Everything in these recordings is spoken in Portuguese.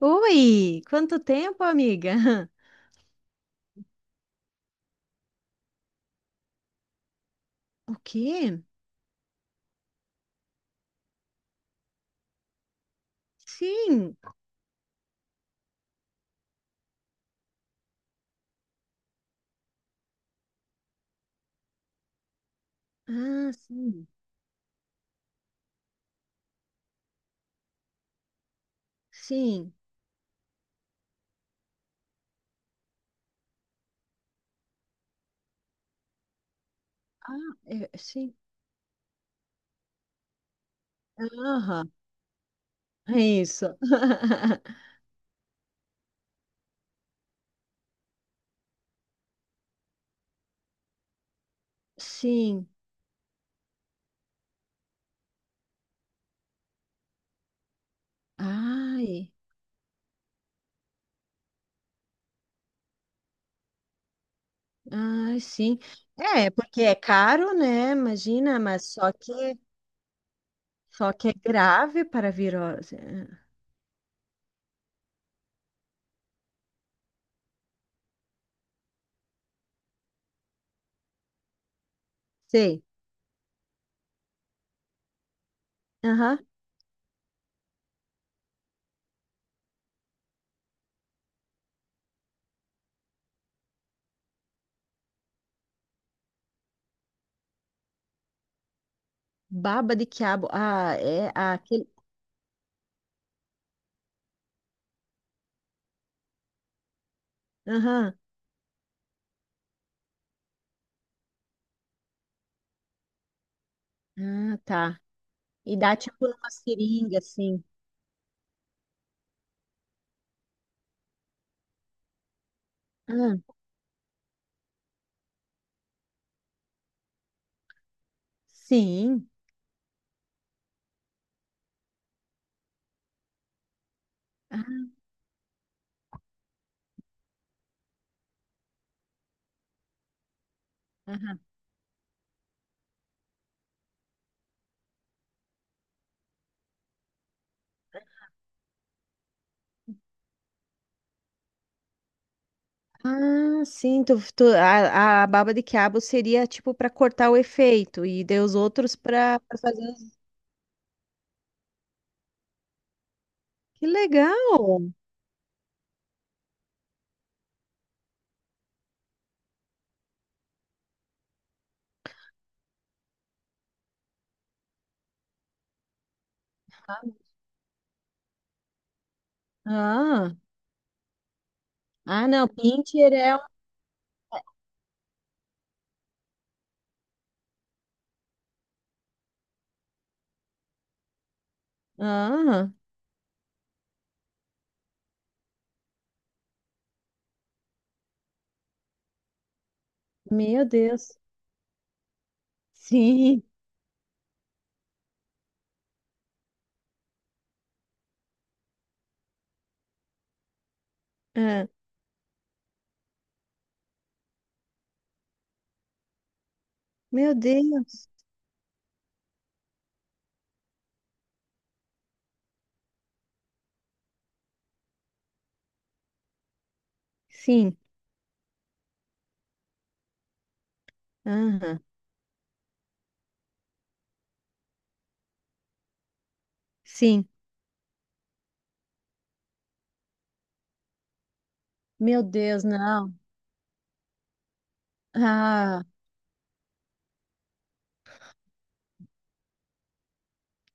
Oi, quanto tempo, amiga? O quê? Sim. Ah, sim. Sim. Ah, é, sim. Aham, é isso. Sim. Ai, ai, sim. É, porque é caro, né? Imagina, mas só que é grave para a virose. Sei. Aham. Baba de quiabo. Ah, é aquele. Aham. Ah, tá. E dá tipo uma seringa, assim. Ah, sim. Ah, aham. Ah, sim, a baba de quiabo seria tipo para cortar o efeito e deu os outros para fazer. Os... Que legal! Ah, ah, não, Pinter é. Um... Ah, meu Deus. Sim. Ah, meu Deus. Sim. Ah, sim. Meu Deus, não. Ah,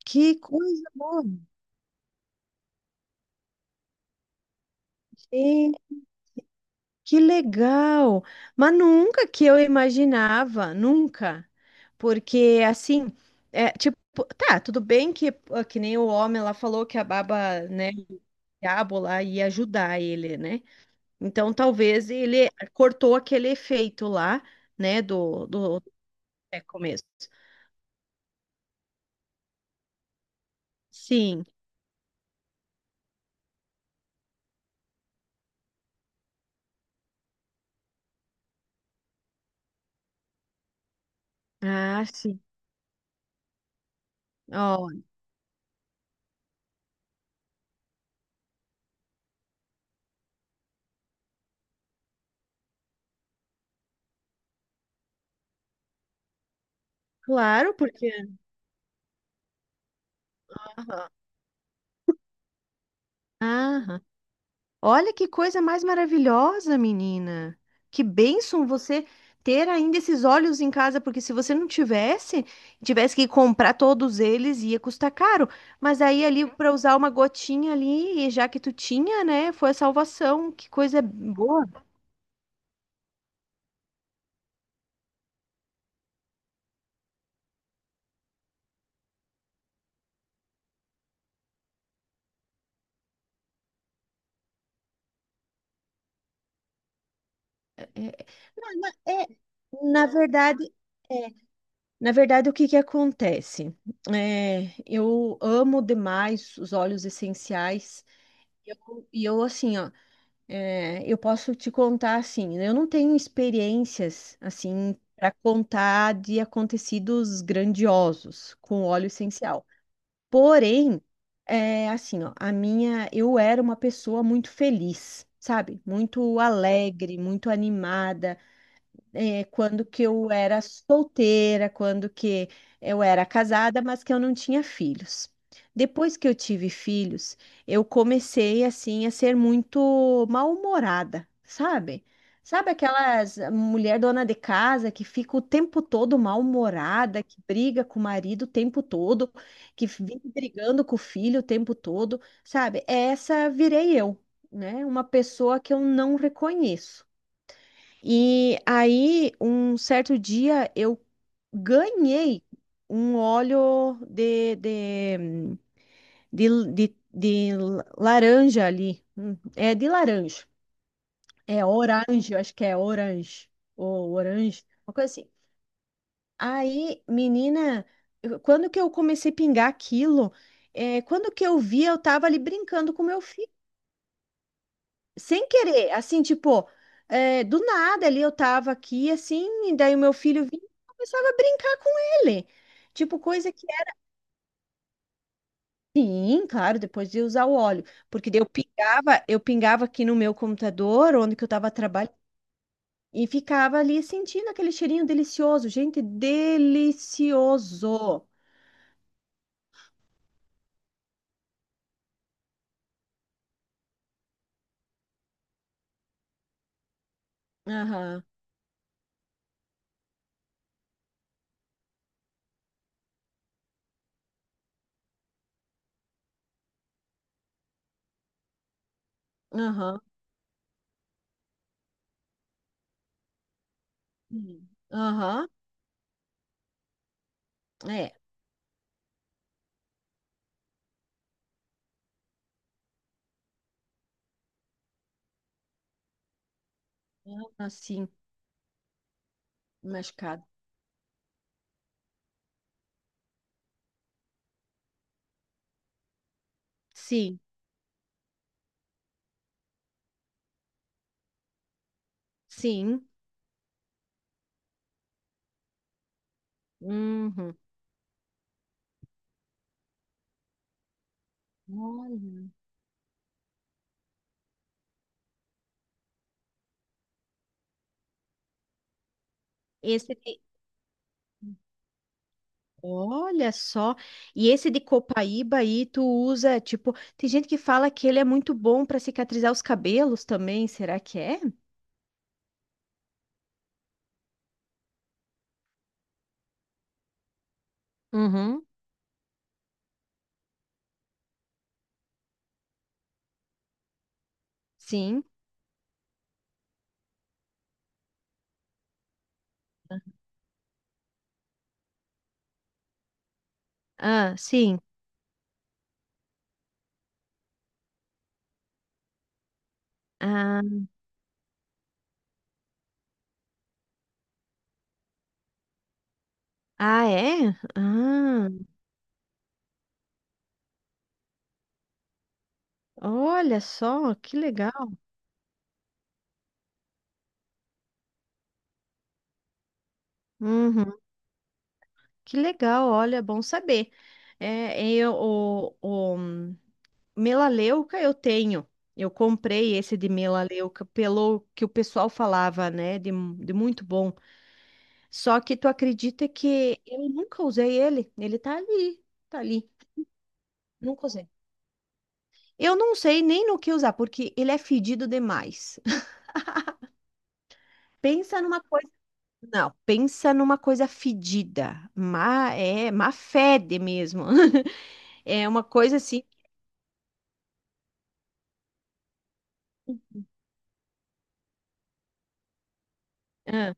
que coisa boa. Que legal! Mas nunca que eu imaginava, nunca. Porque assim, é tipo, tá, tudo bem que ah, que nem o homem lá falou que a baba, né, o diabo lá ia ajudar ele, né? Então talvez ele cortou aquele efeito lá, né, do é, começo. Sim. Ah, sim. Ó, claro, porque aham. Aham. Olha que coisa mais maravilhosa, menina. Que bênção você ter ainda esses olhos em casa, porque se você não tivesse, tivesse que comprar todos eles, ia custar caro. Mas aí ali para usar uma gotinha ali, e já que tu tinha, né, foi a salvação. Que coisa boa. É, não, na- é, na verdade, na verdade, o que que acontece? É, eu amo demais os óleos essenciais. E eu, assim, ó, é, eu posso te contar assim, né, eu não tenho experiências assim para contar de acontecidos grandiosos com óleo essencial. Porém, é assim, ó, a minha, eu era uma pessoa muito feliz, sabe? Muito alegre, muito animada, é, quando que eu era solteira, quando que eu era casada, mas que eu não tinha filhos. Depois que eu tive filhos, eu comecei assim a ser muito mal-humorada, sabe? Sabe aquelas mulher dona de casa que fica o tempo todo mal-humorada, que briga com o marido o tempo todo, que vive brigando com o filho o tempo todo, sabe? Essa virei eu, né? Uma pessoa que eu não reconheço. E aí, um certo dia, eu ganhei um óleo de, de laranja ali. É de laranja. É orange, eu acho que é orange. Ou orange, uma coisa assim. Aí, menina, eu- quando que eu comecei a pingar aquilo? É, quando que eu vi, eu tava ali brincando com meu filho. Sem querer, assim, tipo, é, do nada ali eu tava aqui, assim, e daí o meu filho vinha e começava a brincar com ele. Tipo, coisa que é sim, claro, depois de usar o óleo. Porque daí eu pingava aqui no meu computador, onde que eu tava trabalhando, e ficava ali sentindo aquele cheirinho delicioso. Gente, delicioso. Aham, aham, hum, aham, é, aham, assim, machucado. Sim, sim, uhum. Olha. Esse de... Olha só, e esse de Copaíba aí tu usa, tipo, tem gente que fala que ele é muito bom para cicatrizar os cabelos também, será que é? Uhum. Sim. Ah, sim. Ah, ah, é? Ah, olha só, que legal. Uhum, que legal, olha, é bom saber. É, eu, o melaleuca eu tenho. Eu comprei esse de melaleuca pelo que o pessoal falava, né? De muito bom. Só que tu acredita que eu nunca usei ele? Ele tá ali, tá ali. Nunca usei. Eu não sei nem no que usar, porque ele é fedido demais. Pensa numa coisa. Não, pensa numa coisa fedida. Má, é, má fede mesmo. É uma coisa assim. Ah,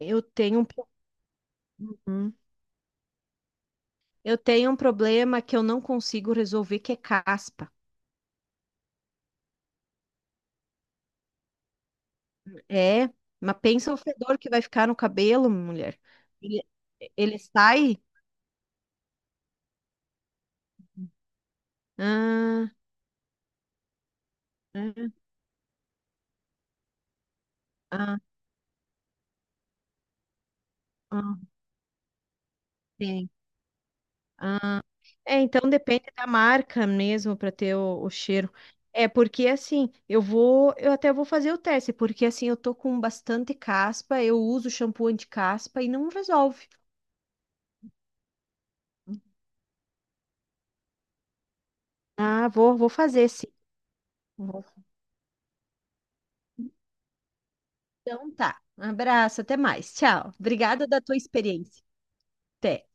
eu tenho um, pro- Uhum. Eu tenho um problema que eu não consigo resolver, que é caspa. É, mas pensa o fedor que vai ficar no cabelo, mulher. Ele, ele sai. Ah, é. Ah, ah, sim. É, então depende da marca mesmo para ter o cheiro. É porque assim, eu vou, eu até vou fazer o teste, porque assim, eu tô com bastante caspa, eu uso shampoo anti-caspa e não resolve. Ah, vou, vou fazer sim. Vou. Então tá. Um abraço, até mais. Tchau. Obrigada da tua experiência. Até.